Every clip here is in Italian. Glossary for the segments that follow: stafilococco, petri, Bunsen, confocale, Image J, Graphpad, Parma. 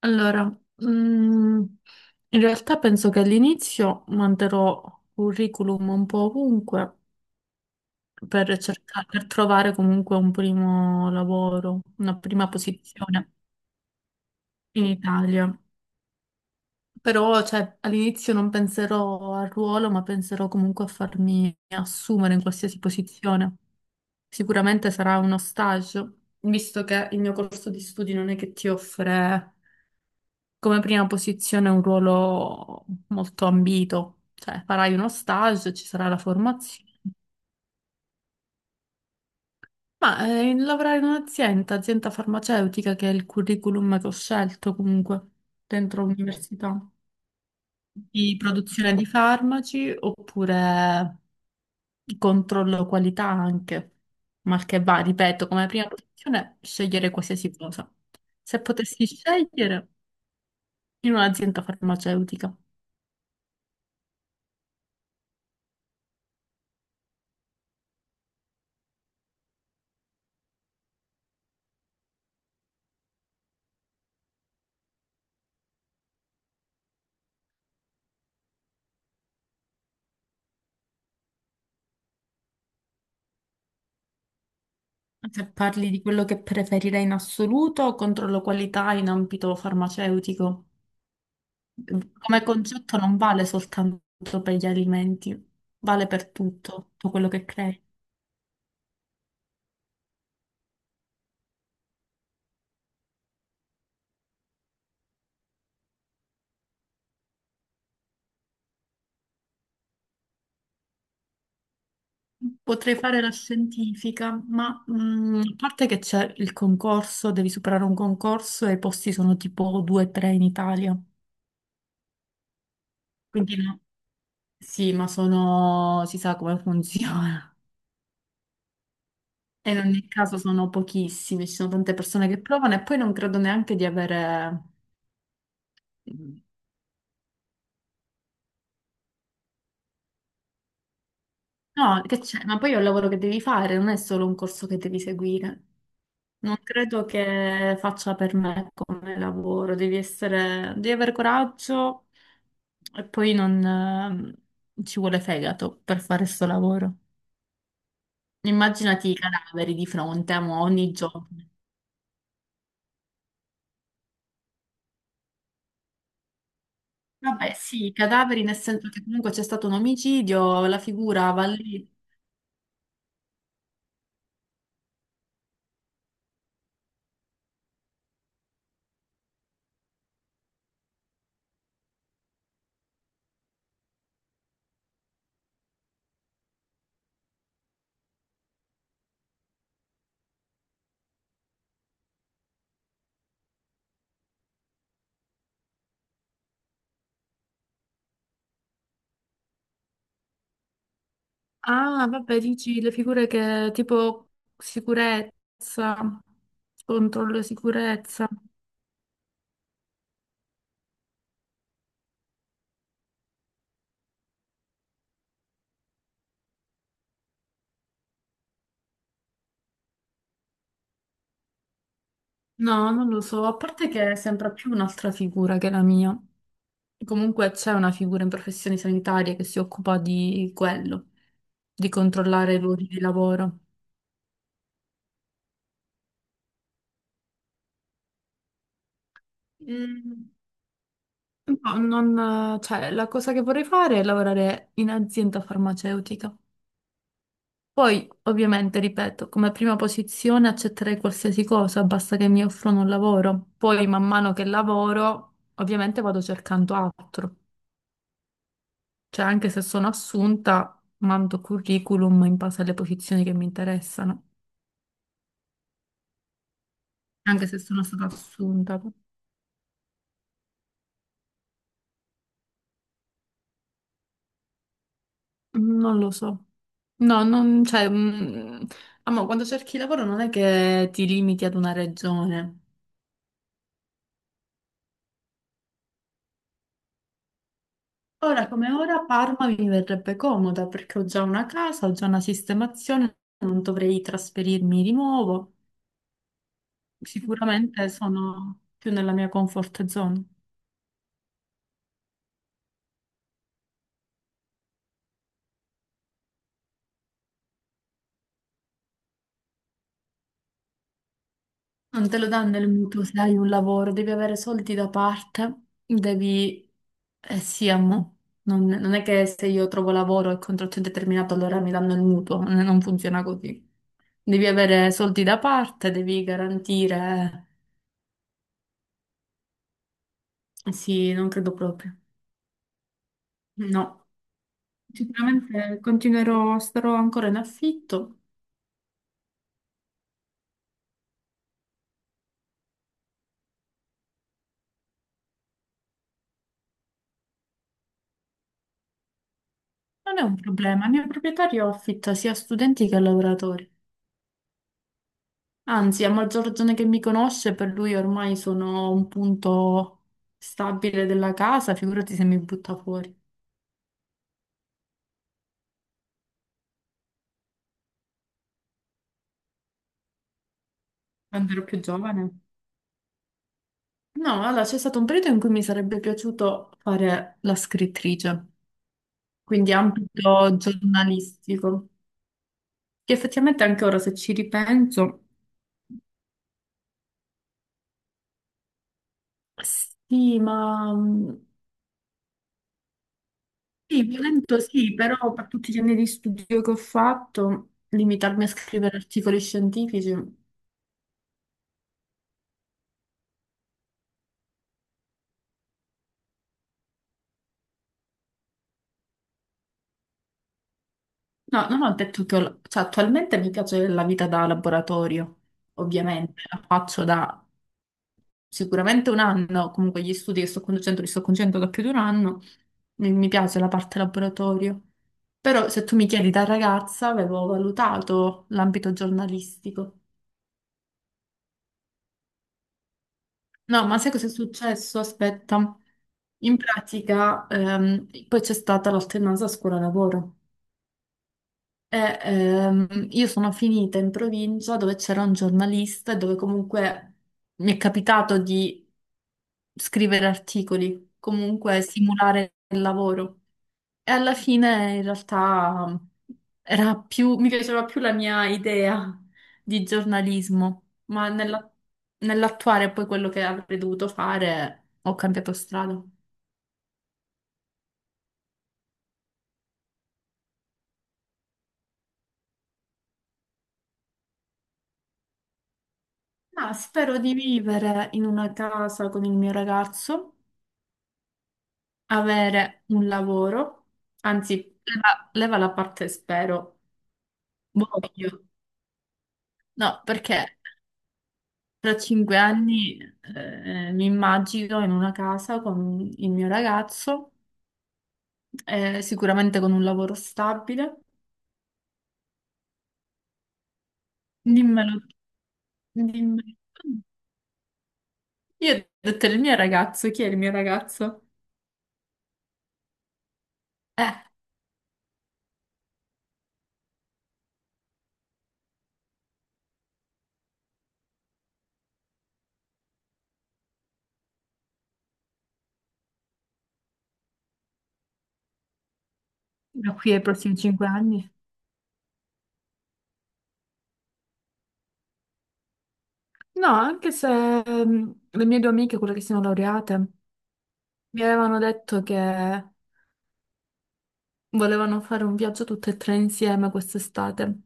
Allora, mm, in realtà penso che all'inizio manderò curriculum un po' ovunque per cercare, per trovare comunque un primo lavoro, una prima posizione in Italia. Però, cioè, all'inizio non penserò al ruolo, ma penserò comunque a farmi assumere in qualsiasi posizione. Sicuramente sarà uno stage, visto che il mio corso di studi non è che ti offre come prima posizione è un ruolo molto ambito, cioè farai uno stage, ci sarà la formazione. Ma lavorare in un'azienda, azienda farmaceutica, che è il curriculum che ho scelto comunque dentro l'università, di produzione di farmaci oppure controllo qualità anche, mal che va, ripeto, come prima posizione scegliere qualsiasi cosa. Se potessi scegliere in un'azienda farmaceutica. Se parli di quello che preferirei in assoluto, controllo qualità in ambito farmaceutico. Come concetto non vale soltanto per gli alimenti, vale per tutto, tutto quello che crei. Potrei fare la scientifica, ma a parte che c'è il concorso, devi superare un concorso e i posti sono tipo 2-3 in Italia. Quindi no. Sì, ma sono... si sa come funziona. E in ogni caso sono pochissimi, ci sono tante persone che provano e poi non credo neanche di avere. Mm. No, che c'è? Ma poi è un lavoro che devi fare, non è solo un corso che devi seguire. Non credo che faccia per me come lavoro, devi essere, devi avere coraggio e poi non ci vuole fegato per fare questo lavoro. Immaginati i cadaveri di fronte a ogni giorno. Vabbè, sì, i cadaveri nel senso che comunque c'è stato un omicidio, la figura va lì. Ah, vabbè, dici le figure che tipo sicurezza, controllo sicurezza. No, non lo so, a parte che sembra più un'altra figura che la mia. Comunque c'è una figura in professioni sanitarie che si occupa di quello, di controllare i luoghi di lavoro. Mm, no, non, cioè, la cosa che vorrei fare è lavorare in azienda farmaceutica. Poi, ovviamente, ripeto, come prima posizione accetterei qualsiasi cosa, basta che mi offrono un lavoro. Poi, man mano che lavoro, ovviamente vado cercando altro. Cioè, anche se sono assunta, mando curriculum in base alle posizioni che mi interessano. Anche se sono stata assunta. Non lo so. No, non, cioè, amo, quando cerchi lavoro non è che ti limiti ad una regione. Ora come ora Parma mi verrebbe comoda perché ho già una casa, ho già una sistemazione, non dovrei trasferirmi di nuovo. Sicuramente sono più nella mia comfort zone. Non te lo danno il mutuo se hai un lavoro, devi avere soldi da parte, devi... Eh sì, amo. Non è che se io trovo lavoro e contratto indeterminato allora mi danno il mutuo, non funziona così. Devi avere soldi da parte, devi garantire... Eh sì, non credo proprio. No. Sicuramente continuerò, starò ancora in affitto. Non è un problema, il mio proprietario affitta sia a studenti che a lavoratori. Anzi, a maggior ragione che mi conosce, per lui ormai sono un punto stabile della casa, figurati se mi butta fuori. Quando ero più giovane. No, allora c'è stato un periodo in cui mi sarebbe piaciuto fare la scrittrice, quindi ambito giornalistico, che effettivamente anche ora se ci ripenso, sì, ma... sì, violento sì, però per tutti gli anni di studio che ho fatto, limitarmi a scrivere articoli scientifici. No, non ho detto che cioè, attualmente mi piace la vita da laboratorio, ovviamente, la faccio da sicuramente un anno, comunque gli studi che sto conducendo li sto conducendo da più di un anno, mi piace la parte laboratorio. Però se tu mi chiedi da ragazza, avevo valutato l'ambito giornalistico. No, ma sai cosa è successo? Aspetta. In pratica, poi c'è stata l'alternanza scuola-lavoro. E, io sono finita in provincia dove c'era un giornalista e dove comunque mi è capitato di scrivere articoli, comunque simulare il lavoro. E alla fine in realtà era più, mi piaceva più la mia idea di giornalismo, ma nell'attuare poi quello che avrei dovuto fare ho cambiato strada. Ma spero di vivere in una casa con il mio ragazzo, avere un lavoro, anzi, leva, leva la parte spero, voglio. No, perché tra 5 anni mi immagino in una casa con il mio ragazzo, sicuramente con un lavoro stabile. Dimmelo, dimmelo. Io ho detto il mio ragazzo, chi è il mio ragazzo? Eh. Da qui ai prossimi 5 anni. No, anche se le mie due amiche, quelle che sono laureate, mi avevano detto che volevano fare un viaggio tutte e tre insieme quest'estate.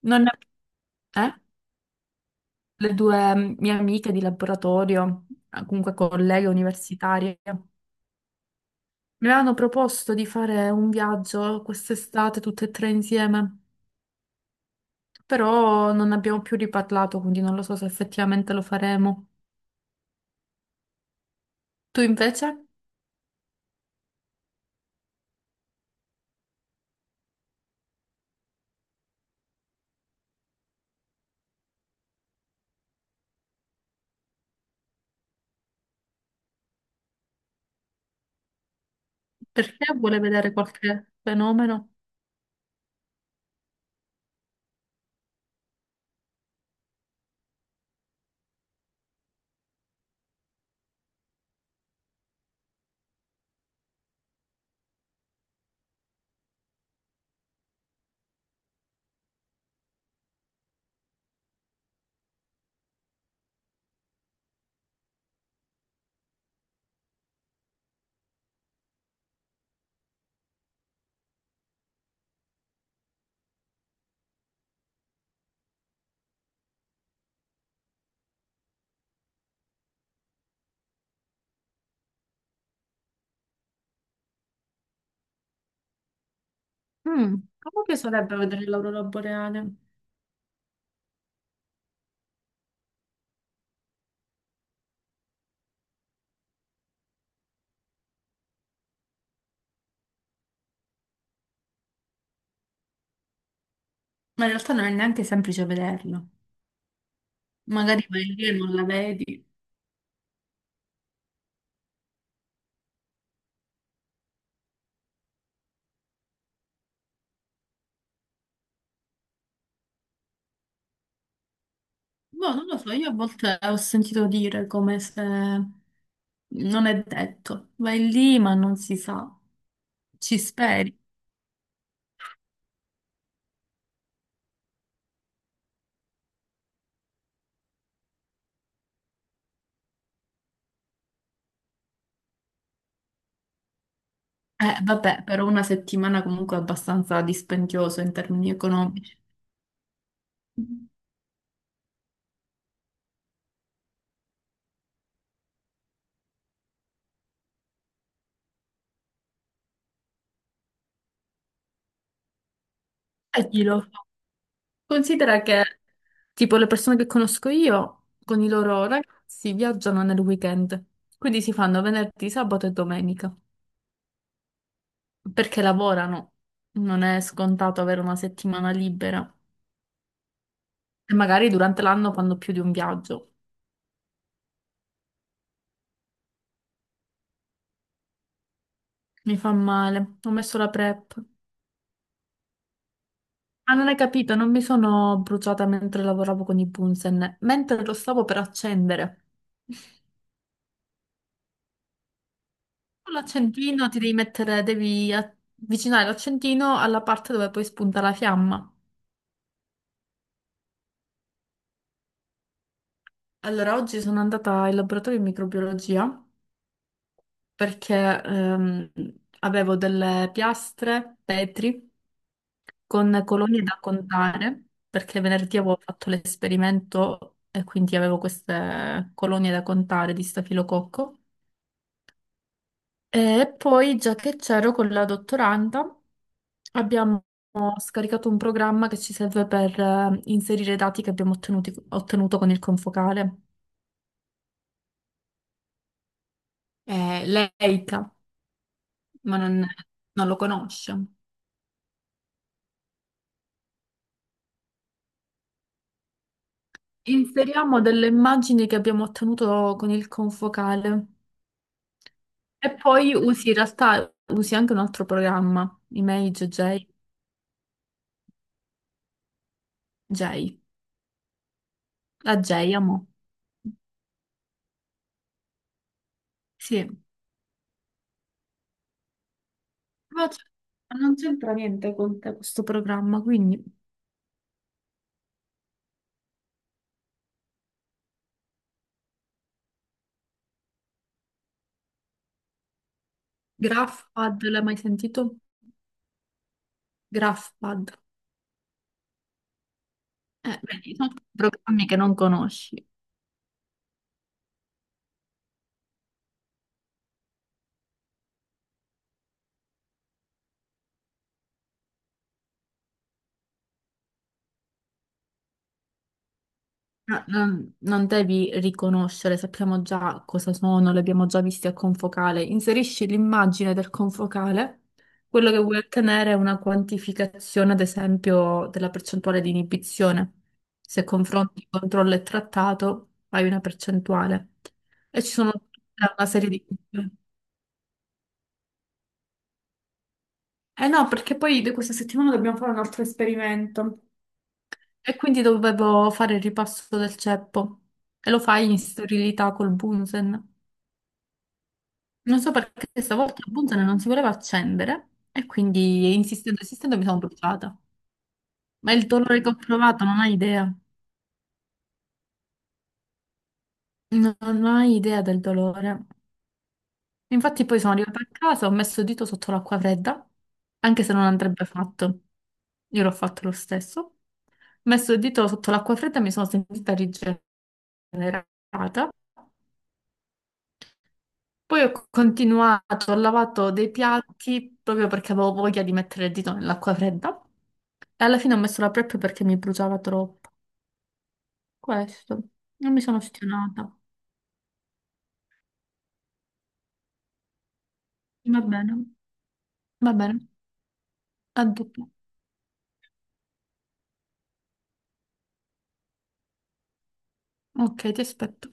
Non ne- Eh? Le due mie amiche di laboratorio, comunque colleghe universitarie. Mi avevano proposto di fare un viaggio quest'estate tutte e tre insieme, però non abbiamo più riparlato, quindi non lo so se effettivamente lo faremo. Tu invece? Perché vuole vedere qualche fenomeno? Mm, a me piacerebbe vedere l'aurora boreale, ma in realtà non è neanche semplice vederlo. Magari vai lì e non la vedi. Boh, non lo so, io a volte ho sentito dire come se non è detto. Vai lì, ma non si sa. Ci speri. Vabbè, però una settimana comunque è abbastanza dispendioso in termini economici. E chi lo fa? Considera che, tipo, le persone che conosco io con i loro ragazzi viaggiano nel weekend, quindi si fanno venerdì, sabato e domenica, perché lavorano. Non è scontato avere una settimana libera. E magari durante l'anno fanno più di un viaggio. Mi fa male. Ho messo la prep. Ah, non hai capito, non mi sono bruciata mentre lavoravo con i Bunsen, mentre lo stavo per accendere. Con l'accendino ti devi mettere, devi avvicinare l'accendino alla parte dove poi spunta la fiamma. Allora, oggi sono andata in laboratorio di microbiologia perché ehm, avevo delle piastre, petri, con colonie da contare, perché venerdì avevo fatto l'esperimento e quindi avevo queste colonie da contare di stafilococco. E poi, già che c'ero con la dottoranda, abbiamo scaricato un programma che ci serve per inserire i dati che abbiamo ottenuto con il confocale. Lei, Eita. Ma non, non lo conosce. Inseriamo delle immagini che abbiamo ottenuto con il confocale e poi usi in realtà usi anche un altro programma, Image J, J, la J, amo. Sì, ma non c'entra niente con te questo programma, quindi Graphpad, l'hai mai sentito? Graphpad. Vedi, sono tutti programmi che non conosci. No, non devi riconoscere, sappiamo già cosa sono, li abbiamo già visti al confocale. Inserisci l'immagine del confocale, quello che vuoi ottenere è una quantificazione, ad esempio, della percentuale di inibizione. Se confronti controllo e trattato, hai una percentuale. E ci sono tutta una serie di... Eh no, perché poi di questa settimana dobbiamo fare un altro esperimento. E quindi dovevo fare il ripasso del ceppo. E lo fai in sterilità col Bunsen. Non so perché stavolta il Bunsen non si voleva accendere e quindi insistendo, insistendo mi sono bruciata. Ma il dolore che ho provato non hai idea. Non hai idea del dolore. Infatti poi sono arrivata a casa, ho messo il dito sotto l'acqua fredda, anche se non andrebbe fatto. Io l'ho fatto lo stesso. Ho messo il dito sotto l'acqua fredda e mi sono sentita rigenerata. Poi ho continuato, ho lavato dei piatti proprio perché avevo voglia di mettere il dito nell'acqua fredda e alla fine ho messo la prep perché mi bruciava troppo. Questo, non mi sono ostinata. Va bene, va bene, a dopo. Ok, ti aspetto.